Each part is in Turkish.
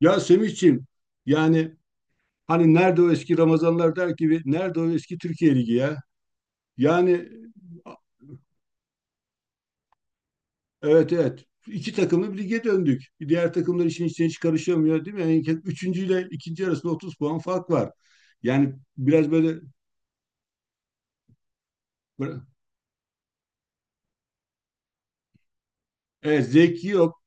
Ya Semihciğim, yani hani nerede o eski Ramazanlar der gibi nerede o eski Türkiye Ligi ya? Yani evet, evet, iki takımlı bir lige döndük. Diğer takımlar işin içine hiç karışamıyor değil mi? Yani üçüncü ile ikinci arasında 30 puan fark var. Yani biraz böyle evet, zevki yok.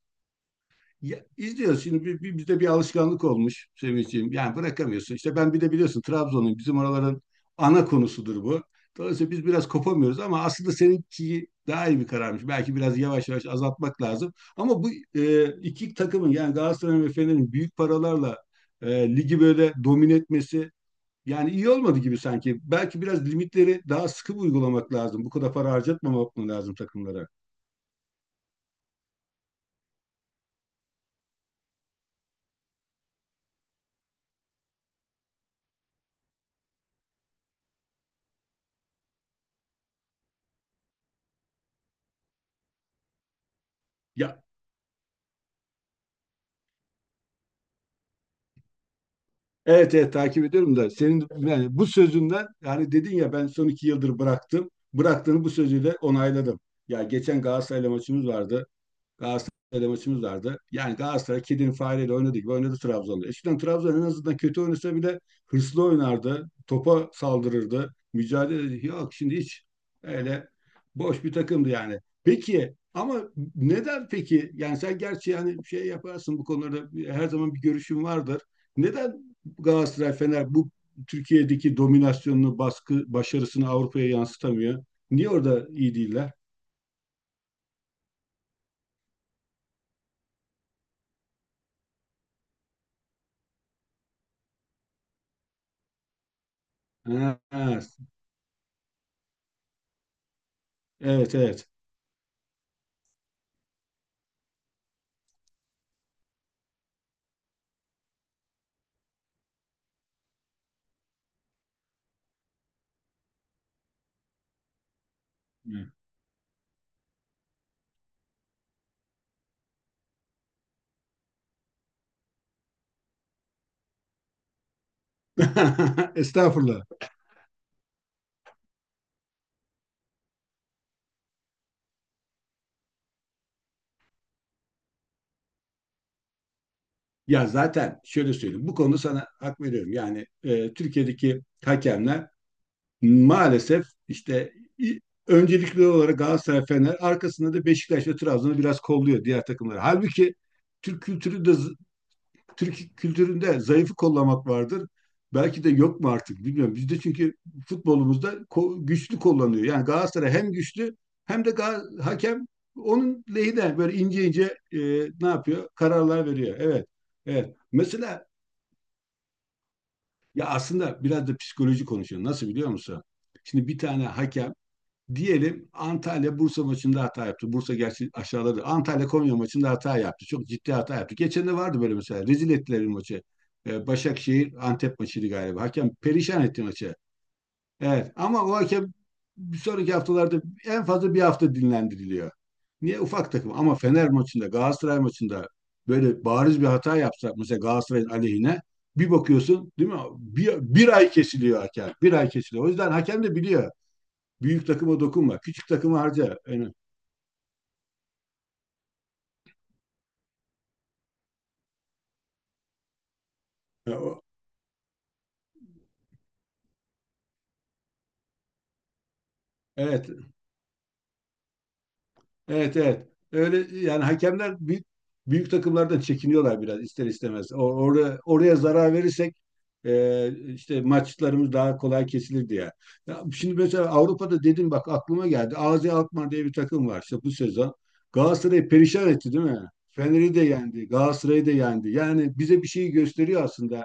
Ya, izliyoruz. Şimdi bizde bir alışkanlık olmuş Sevinç'ciğim. Yani bırakamıyorsun. İşte ben bir de biliyorsun Trabzon'un bizim oraların ana konusudur bu. Dolayısıyla biz biraz kopamıyoruz ama aslında seninki daha iyi bir kararmış. Belki biraz yavaş yavaş azaltmak lazım. Ama bu iki takımın yani Galatasaray ve Fener'in büyük paralarla ligi böyle domine etmesi yani iyi olmadı gibi sanki. Belki biraz limitleri daha sıkı uygulamak lazım. Bu kadar para harcatmamak mı lazım takımlara? Ya, evet, evet, takip ediyorum da senin yani bu sözünden, yani dedin ya ben son iki yıldır bıraktım. Bıraktığını bu sözüyle onayladım. Ya geçen Galatasaray'la maçımız vardı. Galatasaray'da maçımız vardı. Yani Galatasaray kedinin fareyle oynadı gibi oynadı Trabzon'da. Eskiden Trabzon en azından kötü oynasa bile hırslı oynardı. Topa saldırırdı. Mücadele ederdi. Yok şimdi hiç öyle boş bir takımdı yani. Peki ama neden peki? Yani sen gerçi yani şey yaparsın bu konularda, her zaman bir görüşün vardır. Neden Galatasaray Fener bu Türkiye'deki dominasyonunu, baskı, başarısını Avrupa'ya yansıtamıyor? Niye orada iyi değiller? Ha, evet, evet. Estağfurullah. Ya zaten şöyle söyleyeyim. Bu konuda sana hak veriyorum. Yani Türkiye'deki hakemler maalesef işte i- öncelikli olarak Galatasaray, Fener, arkasında da Beşiktaş ve Trabzon'u biraz kolluyor, diğer takımları. Halbuki Türk kültürü de Türk kültüründe zayıfı kollamak vardır. Belki de yok mu artık bilmiyorum. Bizde çünkü futbolumuzda güçlü kullanıyor. Yani Galatasaray hem güçlü hem de hakem onun lehine böyle ince ince e, ne yapıyor? Kararlar veriyor. Evet. Evet. Mesela ya aslında biraz da psikoloji konuşuyor. Nasıl biliyor musun? Şimdi bir tane hakem, diyelim Antalya Bursa maçında hata yaptı. Bursa gerçi aşağıladı. Antalya Konya maçında hata yaptı. Çok ciddi hata yaptı. Geçen de vardı böyle mesela. Rezil ettiler bir maçı. Başakşehir Antep maçıydı galiba. Hakem perişan etti maçı. Evet, ama o hakem bir sonraki haftalarda en fazla bir hafta dinlendiriliyor. Niye ufak takım ama Fener maçında Galatasaray maçında böyle bariz bir hata yapsa, mesela Galatasaray'ın aleyhine, bir bakıyorsun değil mi? Bir ay kesiliyor hakem. Bir ay kesiliyor. O yüzden hakem de biliyor. Büyük takıma dokunma. Küçük takımı harca. Yani, e, evet. Evet, evet. Öyle yani hakemler büyük takımlardan çekiniyorlar biraz ister istemez. Orada oraya zarar verirsek işte maçlarımız daha kolay kesilir diye. Ya şimdi mesela Avrupa'da dedim, bak aklıma geldi. AZ Alkmaar diye bir takım var işte bu sezon. Galatasaray'ı perişan etti değil mi? Fener'i de yendi, Galatasaray'ı da yendi. Yani bize bir şey gösteriyor aslında,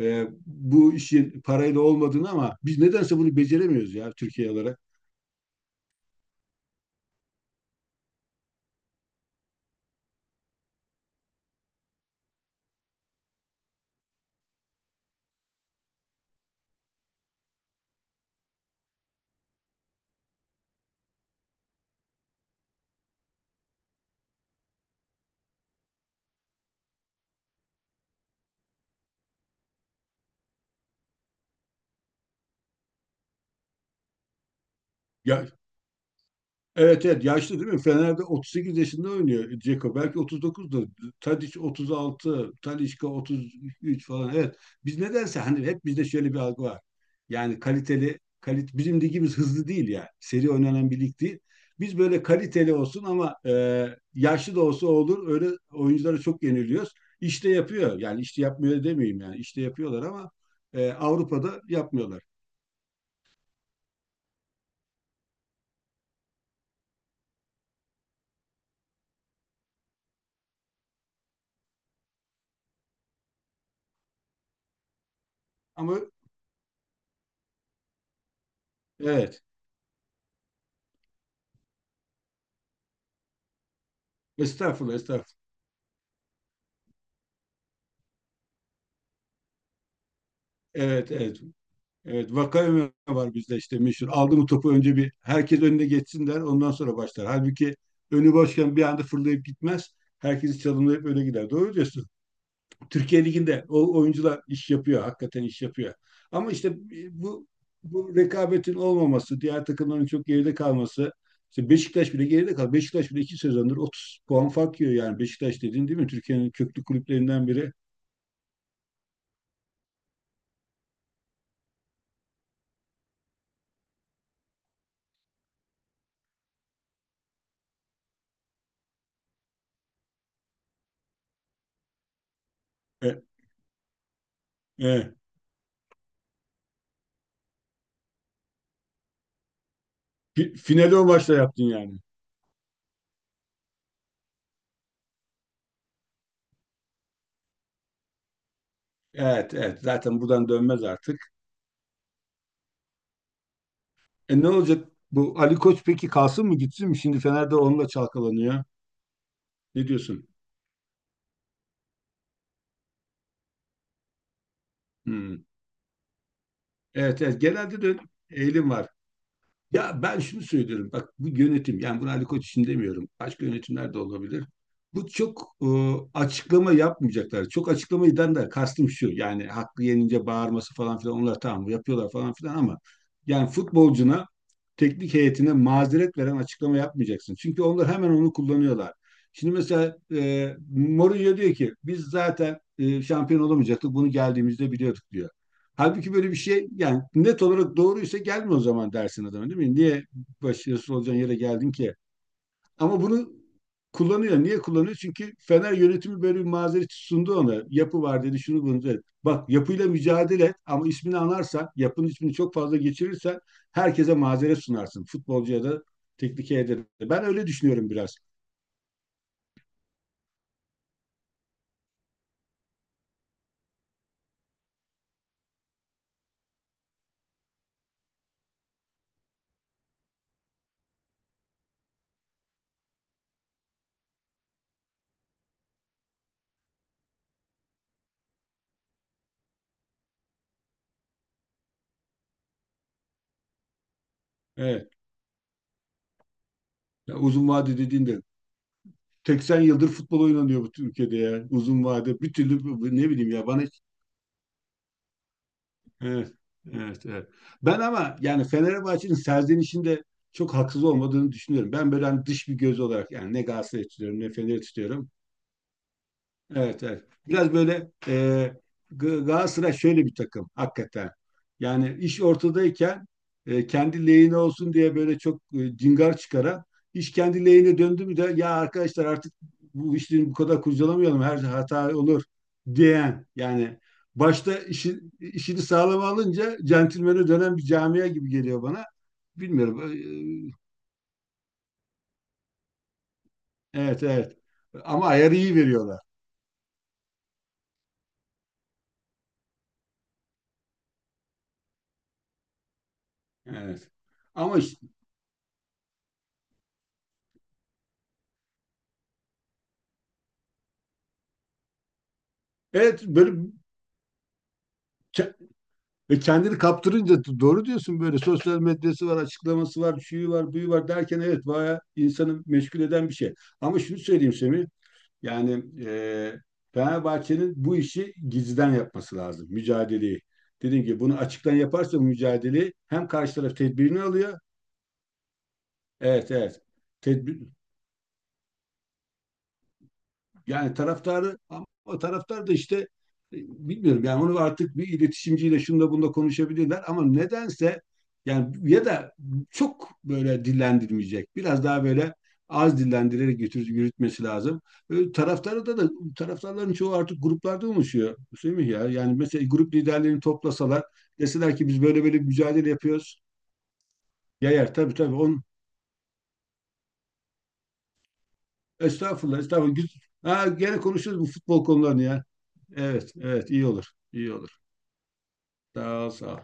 bu işin parayla olmadığını, ama biz nedense bunu beceremiyoruz ya Türkiye olarak. Ya, evet, evet, yaşlı değil mi? Fener'de 38 yaşında oynuyor Dzeko. Belki 39'da. Tadic 36, Talisca 33 falan. Evet. Biz nedense hani hep bizde şöyle bir algı var. Yani kaliteli kalit bizim ligimiz hızlı değil ya. Seri oynanan bir lig değil. Biz böyle kaliteli olsun ama yaşlı da olsa olur. Öyle oyunculara çok yeniliyoruz. İşte yapıyor. Yani işte yapmıyor demeyeyim yani. İşte yapıyorlar ama Avrupa'da yapmıyorlar. Ama evet. Estağfurullah, estağfurullah. Evet, evet. Evet, vaka öme var bizde işte meşhur. Aldı mı topu önce bir herkes önüne geçsin der, ondan sonra başlar. Halbuki önü boşken bir anda fırlayıp gitmez. Herkesi çalımlayıp öyle gider. Doğru diyorsun. Türkiye Ligi'nde o oyuncular iş yapıyor, hakikaten iş yapıyor. Ama işte bu, bu rekabetin olmaması, diğer takımların çok geride kalması, işte Beşiktaş bile geride kaldı. Beşiktaş bile iki sezondur 30 puan fark yiyor, yani Beşiktaş dediğin değil mi? Türkiye'nin köklü kulüplerinden biri. E, e, Finali o maçla yaptın yani. Evet, evet, zaten buradan dönmez artık. E ne olacak bu Ali Koç peki, kalsın mı gitsin mi? Şimdi Fener'de onunla çalkalanıyor. Ne diyorsun? Hmm. Evet, evet, genelde de öyle bir eğilim var. Ya ben şunu söylüyorum. Bak bu yönetim, yani bunu Ali Koç için demiyorum. Başka yönetimler de olabilir. Bu çok açıklama yapmayacaklar. Çok açıklama eden de kastım şu. Yani haklı yenince bağırması falan filan onlar tamam yapıyorlar falan filan ama yani futbolcuna, teknik heyetine mazeret veren açıklama yapmayacaksın. Çünkü onlar hemen onu kullanıyorlar. Şimdi mesela Mourinho diyor ki biz zaten şampiyon olamayacaktık. Bunu geldiğimizde biliyorduk diyor. Halbuki böyle bir şey, yani net olarak doğruysa gelme o zaman dersin adama değil mi? Niye başarısız olacağın yere geldin ki? Ama bunu kullanıyor. Niye kullanıyor? Çünkü Fener yönetimi böyle bir mazeret sundu ona. Yapı var dedi, şunu bunu dedi. Bak yapıyla mücadele et ama ismini anarsan, yapının ismini çok fazla geçirirsen herkese mazeret sunarsın. Futbolcuya da, teknik heyete de. Ben öyle düşünüyorum biraz. Evet. Ya uzun vade dediğinde 80 yıldır futbol oynanıyor bu ülkede ya. Uzun vade. Bir türlü ne bileyim ya bana hiç evet, evet, evet. Ben ama yani Fenerbahçe'nin serzenişinde çok haksız olmadığını düşünüyorum. Ben böyle hani dış bir göz olarak, yani ne Galatasaray'ı tutuyorum ne Fener'i tutuyorum. Evet, evet. Biraz böyle Galatasaray şöyle bir takım hakikaten. Yani iş ortadayken kendi lehine olsun diye böyle çok cingar çıkaran, iş kendi lehine döndü mü de ya arkadaşlar artık bu işleri bu kadar kurcalamayalım her şey hata olur diyen yani başta işi, işini sağlam alınca centilmene dönen bir camia gibi geliyor bana. Bilmiyorum. E, Evet, evet. Ama ayarı iyi veriyorlar. Evet. Ama işte, evet, böyle ve kendini kaptırınca doğru diyorsun, böyle sosyal medyası var, açıklaması var, şuyu var, buyu var derken, evet, bayağı insanı meşgul eden bir şey. Ama şunu söyleyeyim Semih, yani Fenerbahçe'nin bu işi gizliden yapması lazım, mücadeleyi. Dediğim gibi bunu açıktan yaparsa bu mücadeleyi hem karşı taraf tedbirini alıyor, evet, evet, tedbir, yani taraftarı ama taraftar da işte e, bilmiyorum yani onu artık bir iletişimciyle şunda bunda konuşabilirler ama nedense yani ya da çok böyle dillendirmeyecek. Biraz daha böyle az dillendirerek götür, yürütmesi lazım. E, taraftarı da taraftarların çoğu artık gruplarda oluşuyor. Semih ya yani mesela grup liderlerini toplasalar, deseler ki biz böyle böyle bir mücadele yapıyoruz. Yayar tabii, tabii on, Estağfurullah, estağfurullah. Ha, gene konuşuruz bu futbol konularını ya. Evet, evet, iyi olur. iyi olur. Sağ ol, sağ ol.